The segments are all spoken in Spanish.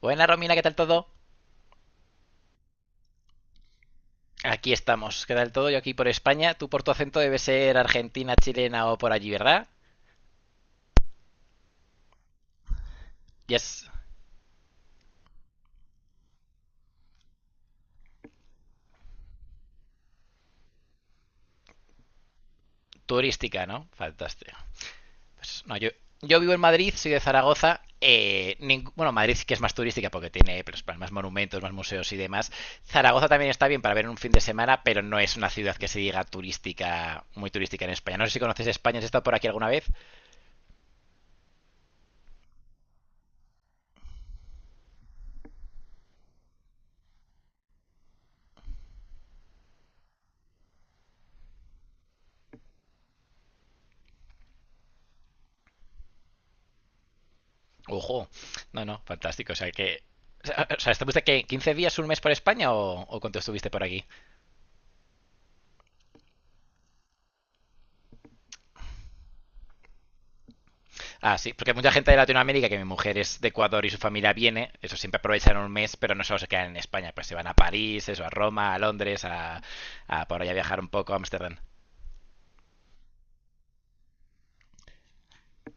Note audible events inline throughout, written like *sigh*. Buena Romina, ¿qué tal todo? Aquí estamos, ¿qué tal todo? Yo aquí por España. Tú por tu acento debe ser argentina, chilena o por allí, ¿verdad? Y es turística, ¿no? Fantástico. Pues, no, yo vivo en Madrid, soy de Zaragoza. Madrid sí que es más turística porque tiene pues, más monumentos, más museos y demás. Zaragoza también está bien para ver en un fin de semana, pero no es una ciudad que se diga turística, muy turística en España. No sé si conoces España, ¿has estado por aquí alguna vez? Ojo, no, no, fantástico. O sea que. O sea, ¿estuviste qué, 15 días, un mes por España o cuánto estuviste por aquí? Ah, sí, porque mucha gente de Latinoamérica, que mi mujer es de Ecuador y su familia viene, eso siempre aprovechan un mes, pero no solo se quedan en España, pues se van a París, eso, a Roma, a Londres, a por allá viajar un poco, a Ámsterdam.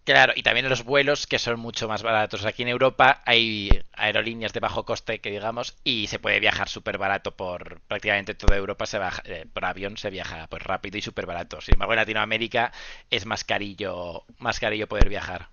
Claro, y también los vuelos que son mucho más baratos. Aquí en Europa hay aerolíneas de bajo coste, que digamos, y se puede viajar súper barato por prácticamente toda Europa, se baja, por avión se viaja pues rápido y súper barato. Sin embargo, en Latinoamérica es más carillo poder viajar.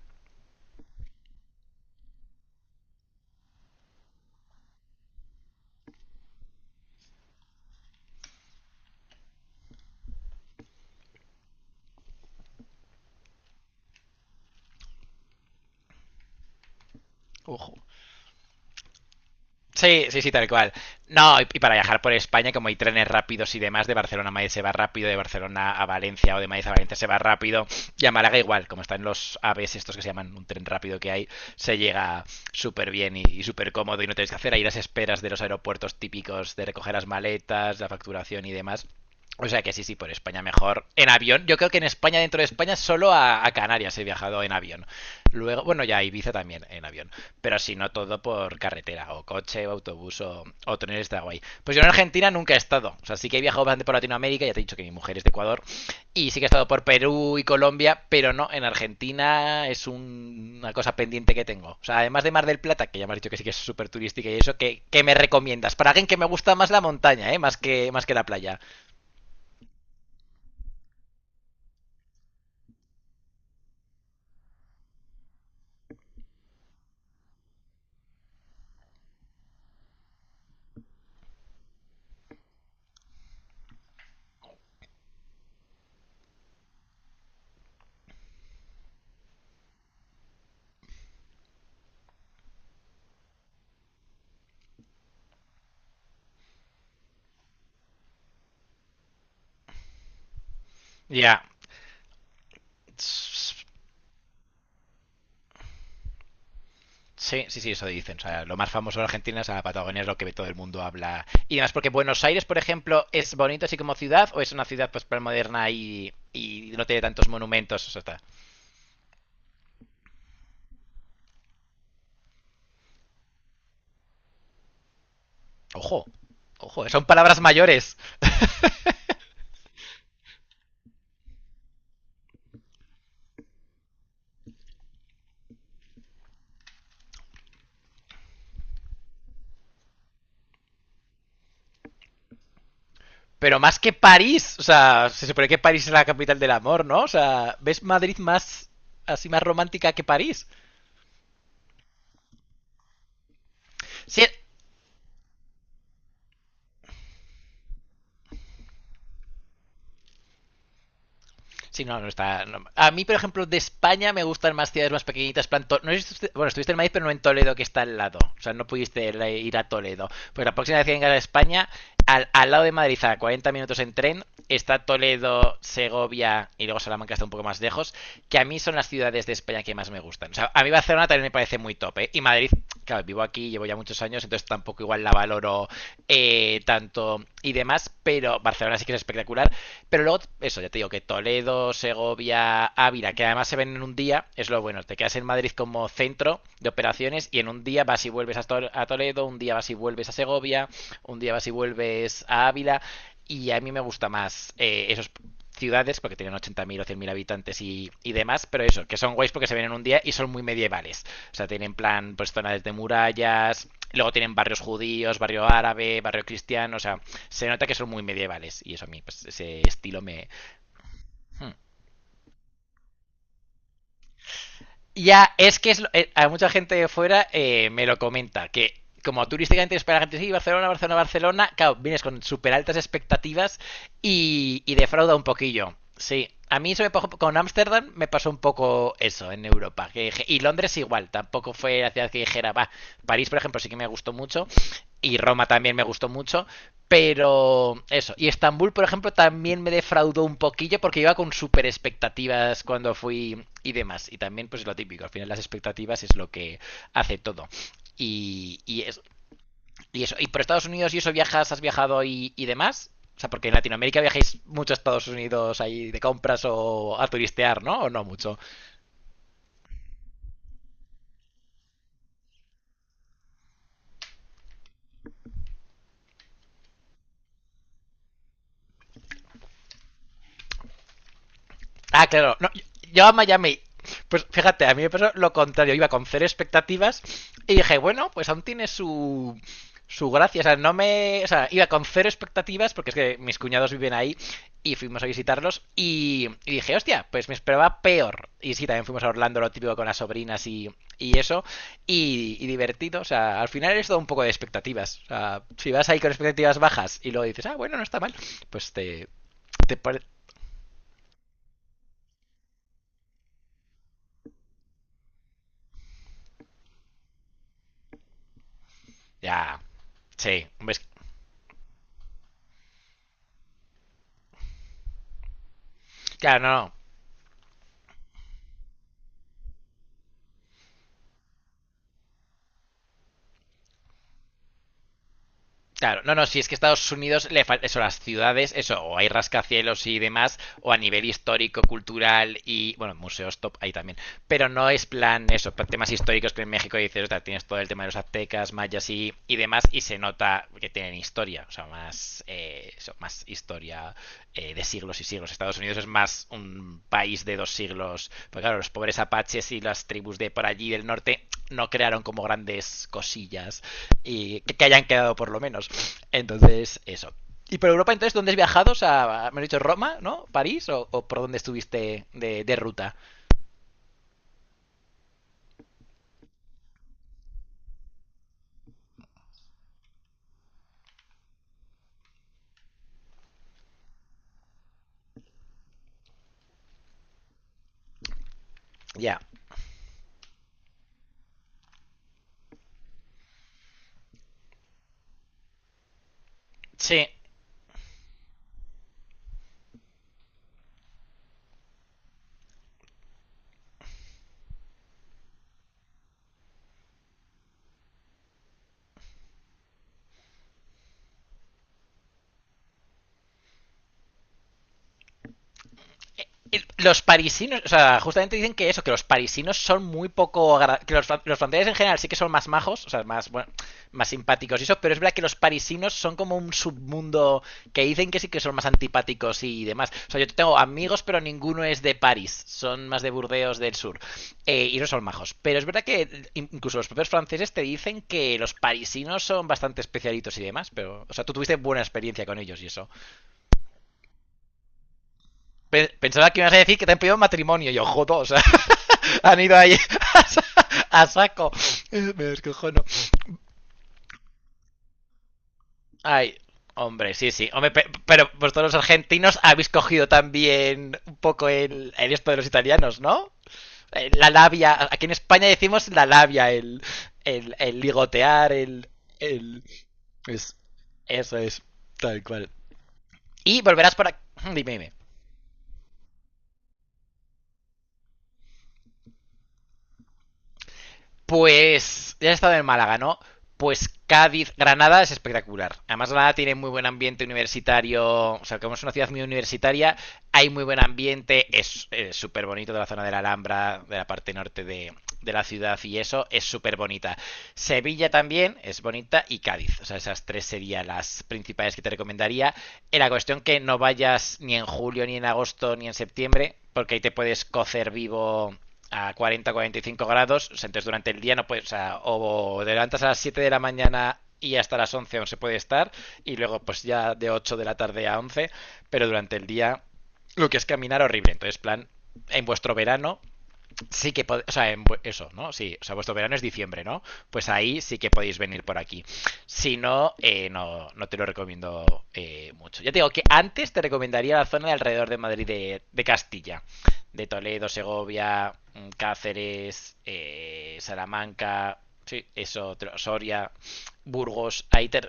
Ojo. Sí, sí, sí, tal cual. No, y para viajar por España, como hay trenes rápidos y demás, de Barcelona a Madrid se va rápido, de Barcelona a Valencia o de Madrid a Valencia se va rápido, y a Málaga igual, como están los AVEs estos que se llaman un tren rápido que hay, se llega súper bien y súper cómodo y no tenéis que hacer ahí las esperas de los aeropuertos típicos de recoger las maletas, la facturación y demás. O sea que sí, sí, por España mejor. En avión, yo creo que en España, dentro de España, solo a Canarias he viajado en avión. Luego, bueno, ya a Ibiza también en avión. Pero si no todo por carretera, o coche, o autobús, o tren está guay. Pues yo en Argentina nunca he estado. O sea, sí que he viajado bastante por Latinoamérica, ya te he dicho que mi mujer es de Ecuador. Y sí que he estado por Perú y Colombia, pero no, en Argentina es una cosa pendiente que tengo. O sea, además de Mar del Plata, que ya me has dicho que sí que es súper turística y eso, ¿qué, qué me recomiendas? Para alguien que me gusta más la montaña, ¿eh? Más que la playa. Ya. Yeah. Sí, sí, sí, eso dicen. O sea, lo más famoso de Argentina es la Patagonia, es lo que todo el mundo habla. Y además, porque Buenos Aires, por ejemplo, ¿es bonito así como ciudad o es una ciudad pues moderna y no tiene tantos monumentos? O sea, está... Ojo, ojo, son palabras mayores. Pero más que París, o sea, se supone que París es la capital del amor, ¿no? O sea, ¿ves Madrid más así más romántica que París? Sí, sí, no, no está. No. A mí, por ejemplo, de España me gustan más ciudades más pequeñitas. Plan no sé si bueno, estuviste en Madrid, pero no en Toledo, que está al lado. O sea, no pudiste ir a Toledo. Pues la próxima vez que vengas a España, al lado de Madrid, a 40 minutos en tren, está Toledo, Segovia y luego Salamanca está un poco más lejos. Que a mí son las ciudades de España que más me gustan. O sea, a mí Barcelona también me parece muy top, ¿eh? Y Madrid, claro, vivo aquí, llevo ya muchos años, entonces tampoco igual la valoro tanto y demás, pero Barcelona sí que es espectacular. Pero luego, eso, ya te digo que Toledo, Segovia, Ávila, que además se ven en un día, es lo bueno. Te quedas en Madrid como centro de operaciones y en un día vas y vuelves a, Toledo, un día vas y vuelves a Segovia, un día vas y vuelves a Ávila. Y a mí me gusta más esos ciudades, porque tienen 80.000 o 100.000 habitantes y demás, pero eso, que son guays porque se ven en un día y son muy medievales. O sea, tienen plan, pues zonas de murallas, luego tienen barrios judíos, barrio árabe, barrio cristiano, o sea, se nota que son muy medievales y eso a mí, pues ese estilo me... Hmm. Ya, es que es a mucha gente de fuera me lo comenta, que como turísticamente es para la gente, sí, Barcelona, Barcelona, Barcelona, claro, vienes con súper altas expectativas y defrauda un poquillo. Sí, a mí eso me pasó con Ámsterdam, me pasó un poco eso en Europa. Que y Londres igual, tampoco fue la ciudad que dijera, va, París, por ejemplo, sí que me gustó mucho. Y Roma también me gustó mucho. Pero eso, y Estambul, por ejemplo, también me defraudó un poquillo porque iba con super expectativas cuando fui y demás. Y también, pues lo típico, al final las expectativas es lo que hace todo. Y, y, es- y eso, y por Estados Unidos y eso viajas, has viajado y demás. O sea, porque en Latinoamérica viajáis mucho a Estados Unidos ahí de compras o a turistear, ¿no? O no mucho. Ah, claro. No, yo a Miami. Pues fíjate, a mí me pasó lo contrario. Iba con cero expectativas y dije, bueno, pues aún tiene su, su gracia. O sea, no me. O sea, iba con cero expectativas porque es que mis cuñados viven ahí y fuimos a visitarlos. Y dije, hostia, pues me esperaba peor. Y sí, también fuimos a Orlando, lo típico con las sobrinas y eso. Y divertido. O sea, al final es todo un poco de expectativas. O sea, si vas ahí con expectativas bajas y luego dices, ah, bueno, no está mal, pues te. te pare- ya. Sí, hombre, es que claro, no, no. Claro, no, no, si es que Estados Unidos le falta eso, las ciudades, eso, o hay rascacielos y demás, o a nivel histórico, cultural y, bueno, museos top ahí también. Pero no es plan eso, plan temas históricos que en México dices, "Ostras, tienes todo el tema de los aztecas, mayas y demás, y se nota que tienen historia, o sea, más, eso, más historia de siglos y siglos. Estados Unidos es más un país de dos siglos, porque claro, los pobres apaches y las tribus de por allí del norte no crearon como grandes cosillas y que hayan quedado por lo menos. Entonces, eso. Y por Europa, entonces, ¿dónde has viajado? O sea, me has dicho Roma, ¿no? ¿París? O por dónde estuviste de ruta? Ya. Yeah. Sí, los parisinos, o sea, justamente dicen que eso, que los parisinos son muy que los franceses en general sí que son más majos, o sea, más bueno, más simpáticos y eso, pero es verdad que los parisinos son como un submundo que dicen que sí que son más antipáticos y demás. O sea, yo tengo amigos, pero ninguno es de París, son más de Burdeos del sur y no son majos. Pero es verdad que incluso los propios franceses te dicen que los parisinos son bastante especialitos y demás, pero, o sea, tú tuviste buena experiencia con ellos y eso. Pensaba que me ibas a decir que te han pedido matrimonio, y yo jodo, o sea. Han ido ahí *laughs* a saco. Me descojono. Ay, hombre, sí, sí. Hombre, pero vosotros los argentinos habéis cogido también un poco el esto de los italianos, ¿no? La labia. Aquí en España decimos la labia, el ligotear, el... Es, eso es, tal cual. Y volverás por aquí... Dime, dime. Pues ya he estado en Málaga, ¿no? Pues Cádiz, Granada es espectacular. Además, Granada tiene muy buen ambiente universitario, o sea, como es una ciudad muy universitaria, hay muy buen ambiente, es súper bonito de la zona de la Alhambra, de la parte norte de la ciudad y eso, es súper bonita. Sevilla también es bonita y Cádiz, o sea, esas tres serían las principales que te recomendaría. En la cuestión que no vayas ni en julio, ni en agosto, ni en septiembre, porque ahí te puedes cocer vivo a 40, 45 grados, o sea, entonces durante el día no puedes, o sea, o te levantas a las 7 de la mañana y hasta las 11 aún se puede estar, y luego pues ya de 8 de la tarde a 11 pero durante el día lo que es caminar horrible, entonces plan, en vuestro verano sí que o sea, en eso, ¿no? Sí, o sea, vuestro verano es diciembre, ¿no? Pues ahí sí que podéis venir por aquí. Si no, no, no te lo recomiendo mucho. Ya te digo que antes te recomendaría la zona de alrededor de Madrid de Castilla, de Toledo, Segovia, Cáceres, Salamanca, sí, eso, Soria, Burgos, ahí te...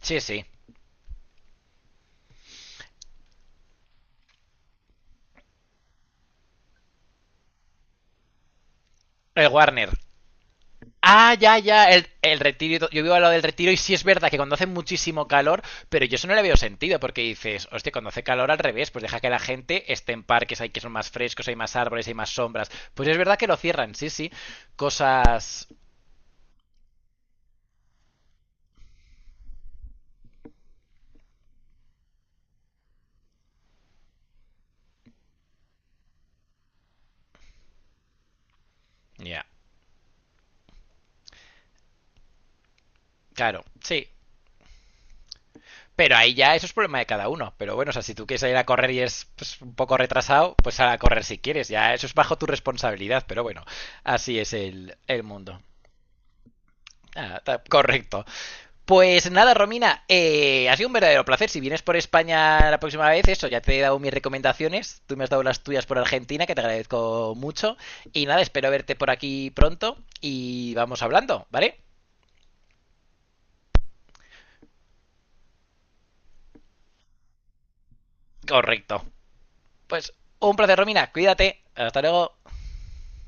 Sí, sí. Warner, ah, ya, ya, el retiro. Yo vivo al lado del retiro y sí es verdad que cuando hace muchísimo calor, pero yo eso no le veo sentido porque dices, hostia, cuando hace calor al revés, pues deja que la gente esté en parques, hay que son más frescos, hay más árboles, hay más sombras. Pues es verdad que lo cierran, sí, sí. Cosas. Ya, claro, sí. Pero ahí ya eso es problema de cada uno. Pero bueno, o sea, si tú quieres ir a correr y es pues, un poco retrasado, pues sal a correr si quieres. Ya eso es bajo tu responsabilidad, pero bueno, así es el mundo. Ah, correcto. Pues nada, Romina, ha sido un verdadero placer. Si vienes por España la próxima vez, eso, ya te he dado mis recomendaciones. Tú me has dado las tuyas por Argentina, que te agradezco mucho. Y nada, espero verte por aquí pronto y vamos hablando, ¿vale? Correcto. Pues un placer, Romina. Cuídate. Hasta luego.